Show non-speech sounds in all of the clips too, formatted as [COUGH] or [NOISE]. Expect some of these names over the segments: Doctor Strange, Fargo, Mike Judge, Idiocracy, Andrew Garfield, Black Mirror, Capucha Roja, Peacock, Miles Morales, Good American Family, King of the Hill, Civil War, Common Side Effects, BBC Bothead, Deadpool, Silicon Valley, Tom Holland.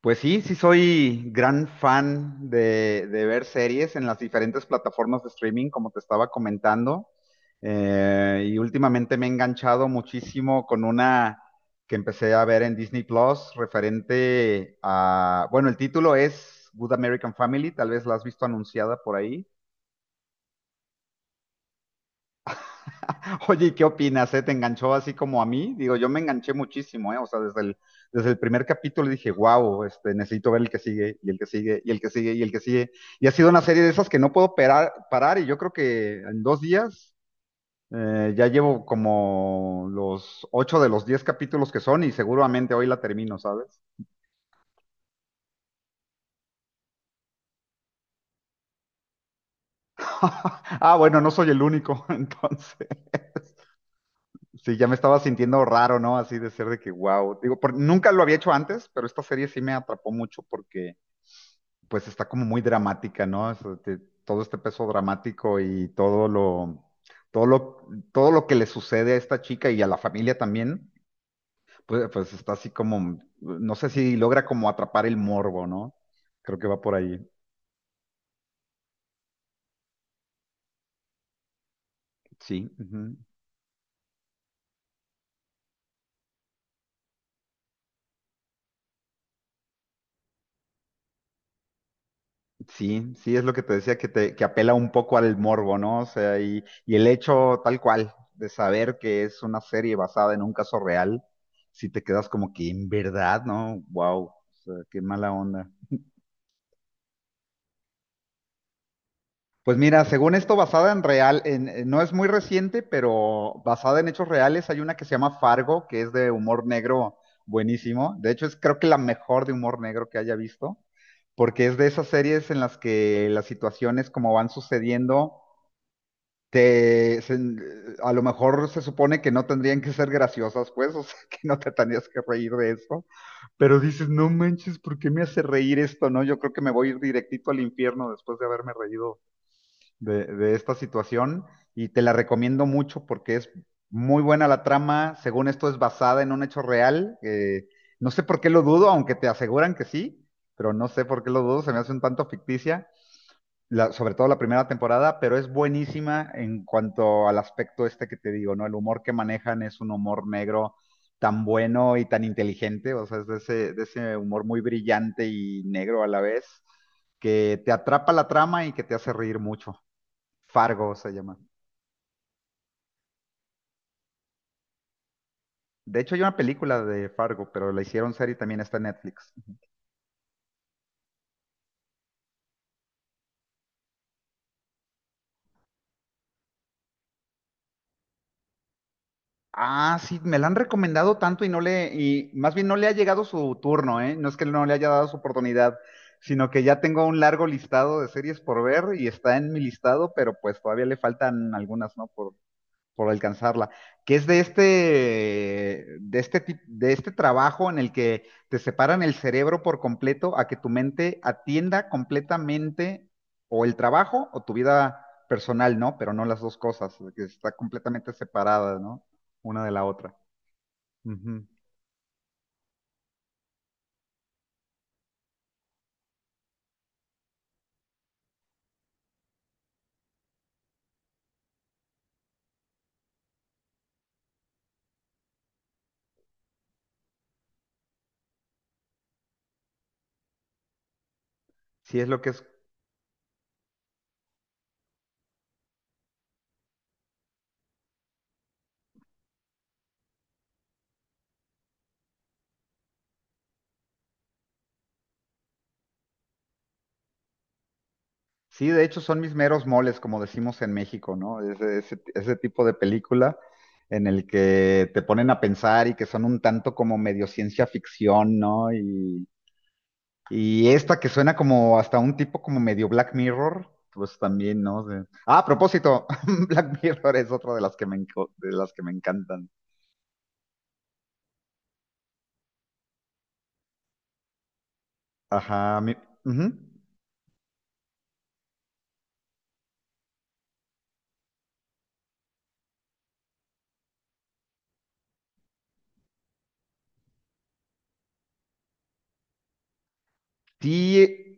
Pues sí, sí soy gran fan de ver series en las diferentes plataformas de streaming, como te estaba comentando. Y últimamente me he enganchado muchísimo con una que empecé a ver en Disney Plus referente a, bueno, el título es Good American Family, tal vez la has visto anunciada por ahí. Oye, ¿y qué opinas? ¿eh? ¿Te enganchó así como a mí? Digo, yo me enganché muchísimo, ¿eh? O sea, desde el primer capítulo dije, wow, este, necesito ver el que sigue, y el que sigue, y el que sigue, y el que sigue. Y ha sido una serie de esas que no puedo parar, parar y yo creo que en dos días ya llevo como los ocho de los 10 capítulos que son y seguramente hoy la termino, ¿sabes? [LAUGHS] Ah, bueno, no soy el único, [LAUGHS] entonces. Sí, ya me estaba sintiendo raro, ¿no? Así de ser de que, wow. Digo, nunca lo había hecho antes, pero esta serie sí me atrapó mucho porque pues está como muy dramática, ¿no? O sea, todo este peso dramático y todo lo que le sucede a esta chica y a la familia también, pues está así como, no sé si logra como atrapar el morbo, ¿no? Creo que va por ahí. Sí, ujú. Sí, sí, es lo que te decía, que apela un poco al morbo, ¿no? O sea, y el hecho tal cual de saber que es una serie basada en un caso real, si te quedas como que en verdad, ¿no? Wow, o sea, qué mala onda. Pues mira, según esto, basada en real, no es muy reciente, pero basada en hechos reales, hay una que se llama Fargo, que es de humor negro buenísimo. De hecho, es creo que la mejor de humor negro que haya visto, porque es de esas series en las que las situaciones como van sucediendo, a lo mejor se supone que no tendrían que ser graciosas, pues, o sea, [LAUGHS] que no te tendrías que reír de esto, pero dices, no manches, ¿por qué me hace reír esto? No, yo creo que me voy a ir directito al infierno después de haberme reído de esta situación y te la recomiendo mucho porque es muy buena la trama. Según esto es basada en un hecho real. No sé por qué lo dudo, aunque te aseguran que sí, pero no sé por qué lo dudo. Se me hace un tanto ficticia, sobre todo la primera temporada, pero es buenísima en cuanto al aspecto este que te digo, ¿no? El humor que manejan es un humor negro tan bueno y tan inteligente, o sea, es de ese humor muy brillante y negro a la vez, que te atrapa la trama y que te hace reír mucho. Fargo se llama. De hecho, hay una película de Fargo, pero la hicieron serie y también está en Netflix. Ah, sí, me la han recomendado tanto y no le, y más bien no le ha llegado su turno, ¿eh? No es que no le haya dado su oportunidad, sino que ya tengo un largo listado de series por ver y está en mi listado, pero pues todavía le faltan algunas, ¿no? Por alcanzarla, que es de este trabajo en el que te separan el cerebro por completo a que tu mente atienda completamente o el trabajo o tu vida personal, ¿no? Pero no las dos cosas, que está completamente separada, ¿no? Una de la otra. Ujú. Sí, es lo que es. Sí, de hecho son mis meros moles, como decimos en México, ¿no? Ese tipo de película en el que te ponen a pensar y que son un tanto como medio ciencia ficción, ¿no? Y esta que suena como hasta un tipo como medio Black Mirror, pues también, ¿no? De- Ah, a propósito, [LAUGHS] Black Mirror es otra de las que de las que me encantan. Ajá, ujú. Sí,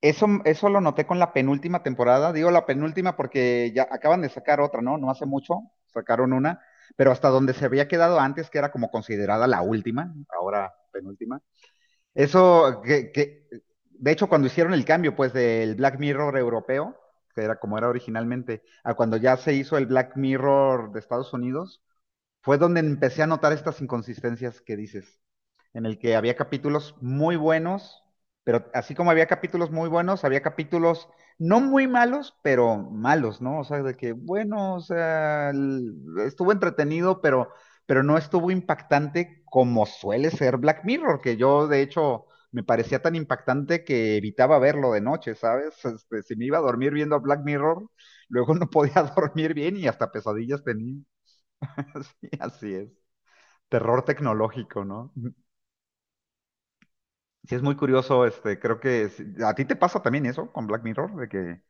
eso lo noté con la penúltima temporada. Digo la penúltima porque ya acaban de sacar otra, ¿no? No hace mucho, sacaron una, pero hasta donde se había quedado antes, que era como considerada la última, ahora penúltima. Eso de hecho, cuando hicieron el cambio, pues, del Black Mirror europeo, que era como era originalmente, a cuando ya se hizo el Black Mirror de Estados Unidos, fue donde empecé a notar estas inconsistencias que dices en el que había capítulos muy buenos, pero así como había capítulos muy buenos, había capítulos no muy malos, pero malos, ¿no? O sea, de que, bueno, o sea, estuvo entretenido, pero no estuvo impactante como suele ser Black Mirror, que yo de hecho me parecía tan impactante que evitaba verlo de noche, ¿sabes? Este, si me iba a dormir viendo Black Mirror, luego no podía [LAUGHS] dormir bien y hasta pesadillas tenía. [LAUGHS] Sí, así es. Terror tecnológico, ¿no? Sí, es muy curioso, este, creo que a ti te pasa también eso con Black Mirror,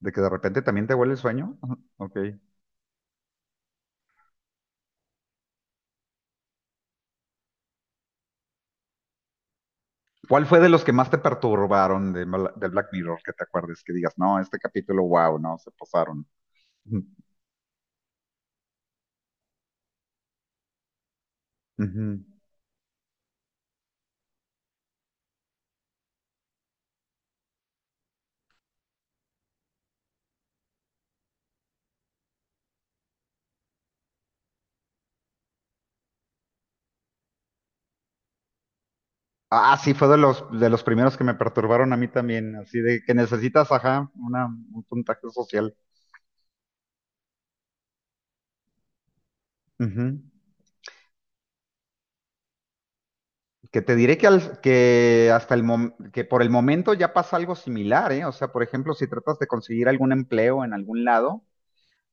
de que de repente también te huele el sueño. [LAUGHS] Ujú, ok. ¿Cuál fue de los que más te perturbaron de, del Black Mirror que te acuerdes? Que digas, no, este capítulo, wow, no, se pasaron. Ujú. Ujú. Ah, sí, fue de los primeros que me perturbaron a mí también, así de que necesitas, ajá, un puntaje social. Ujú. Que te diré que, que hasta que por el momento ya pasa algo similar, ¿eh? O sea, por ejemplo, si tratas de conseguir algún empleo en algún lado,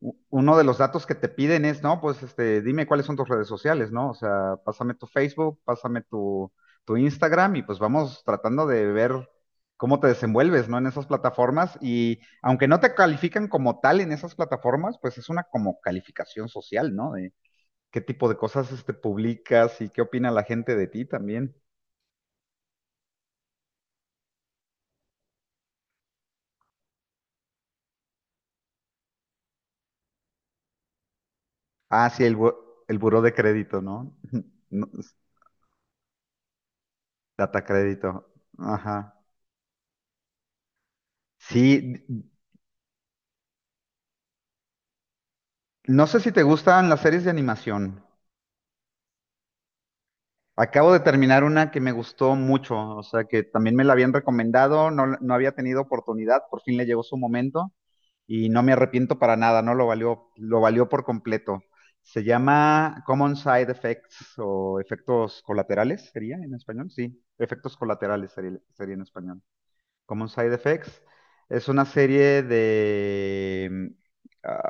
uno de los datos que te piden es, no, pues este, dime cuáles son tus redes sociales, ¿no? O sea, pásame tu Facebook, pásame tu, tu Instagram y pues vamos tratando de ver cómo te desenvuelves, ¿no? En esas plataformas y aunque no te califican como tal en esas plataformas, pues es una como calificación social, ¿no? De qué tipo de cosas este, publicas y qué opina la gente de ti también. Ah, sí, el buró de crédito, ¿no? [LAUGHS] No, data crédito. Ajá. Sí, no sé si te gustan las series de animación. Acabo de terminar una que me gustó mucho, o sea, que también me la habían recomendado, no, no había tenido oportunidad, por fin le llegó su momento y no me arrepiento para nada, no lo valió, lo valió por completo. Se llama Common Side Effects o efectos colaterales, ¿sería en español? Sí, efectos colaterales sería sería en español. Common Side Effects. Es una serie de... mm,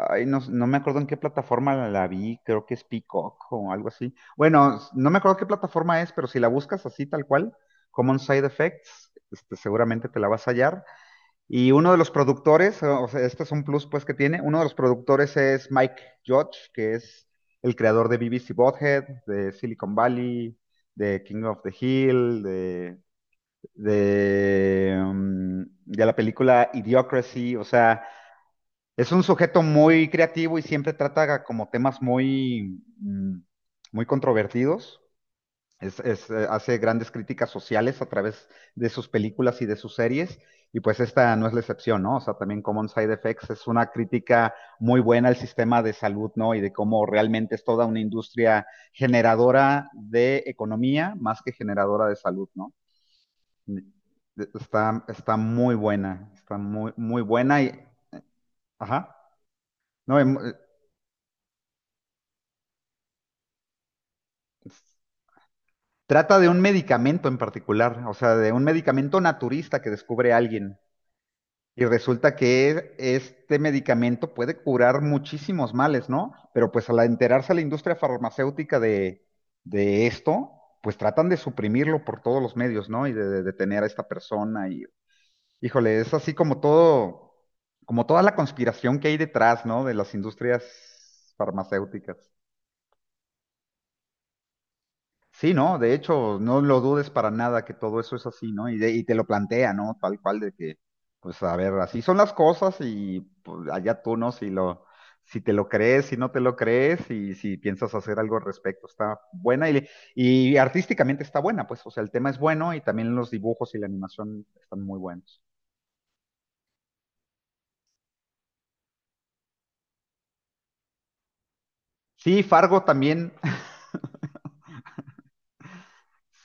Ay, no, no me acuerdo en qué plataforma la vi, creo que es Peacock o algo así. Bueno, no me acuerdo qué plataforma es, pero si la buscas así tal cual, Common Side Effects, este, seguramente te la vas a hallar. Y uno de los productores, o sea, este es un plus pues que tiene, uno de los productores es Mike Judge, que es el creador de BBC Bothead, de Silicon Valley, de King of the Hill, de, de la película Idiocracy, o sea, es un sujeto muy creativo y siempre trata como temas muy, muy controvertidos. Hace grandes críticas sociales a través de sus películas y de sus series. Y pues esta no es la excepción, ¿no? O sea, también Common Side Effects es una crítica muy buena al sistema de salud, ¿no? Y de cómo realmente es toda una industria generadora de economía más que generadora de salud, ¿no? Ni- Está, está muy buena, está muy buena y, ajá, no, s- trata de un medicamento en particular, o sea, de un medicamento naturista que descubre alguien y resulta que este medicamento puede curar muchísimos males, ¿no? Pero pues al enterarse la industria farmacéutica de esto, pues tratan de suprimirlo por todos los medios, ¿no? Y de detener a esta persona y Híjole, es así como todo, como toda la conspiración que hay detrás, ¿no? De las industrias farmacéuticas. Sí, ¿no? De hecho, no lo dudes para nada que todo eso es así, ¿no? Y, de- y te lo plantea, ¿no? Tal cual de que, pues a ver, así son las cosas y pues, allá tú, ¿no? Si te lo crees, si no te lo crees y si piensas hacer algo al respecto, está buena y artísticamente está buena, pues, o sea, el tema es bueno y también los dibujos y la animación están muy buenos. Sí, Fargo también,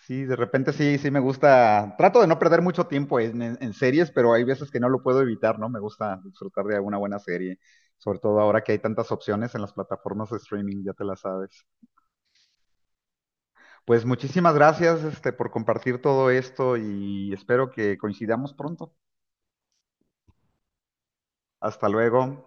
sí, de repente sí, sí me gusta. Trato de no perder mucho tiempo en series, pero hay veces que no lo puedo evitar, ¿no? Me gusta disfrutar de alguna buena serie, sobre todo ahora que hay tantas opciones en las plataformas de streaming, ya te las sabes. Pues muchísimas gracias, este, por compartir todo esto y espero que coincidamos pronto. Hasta luego.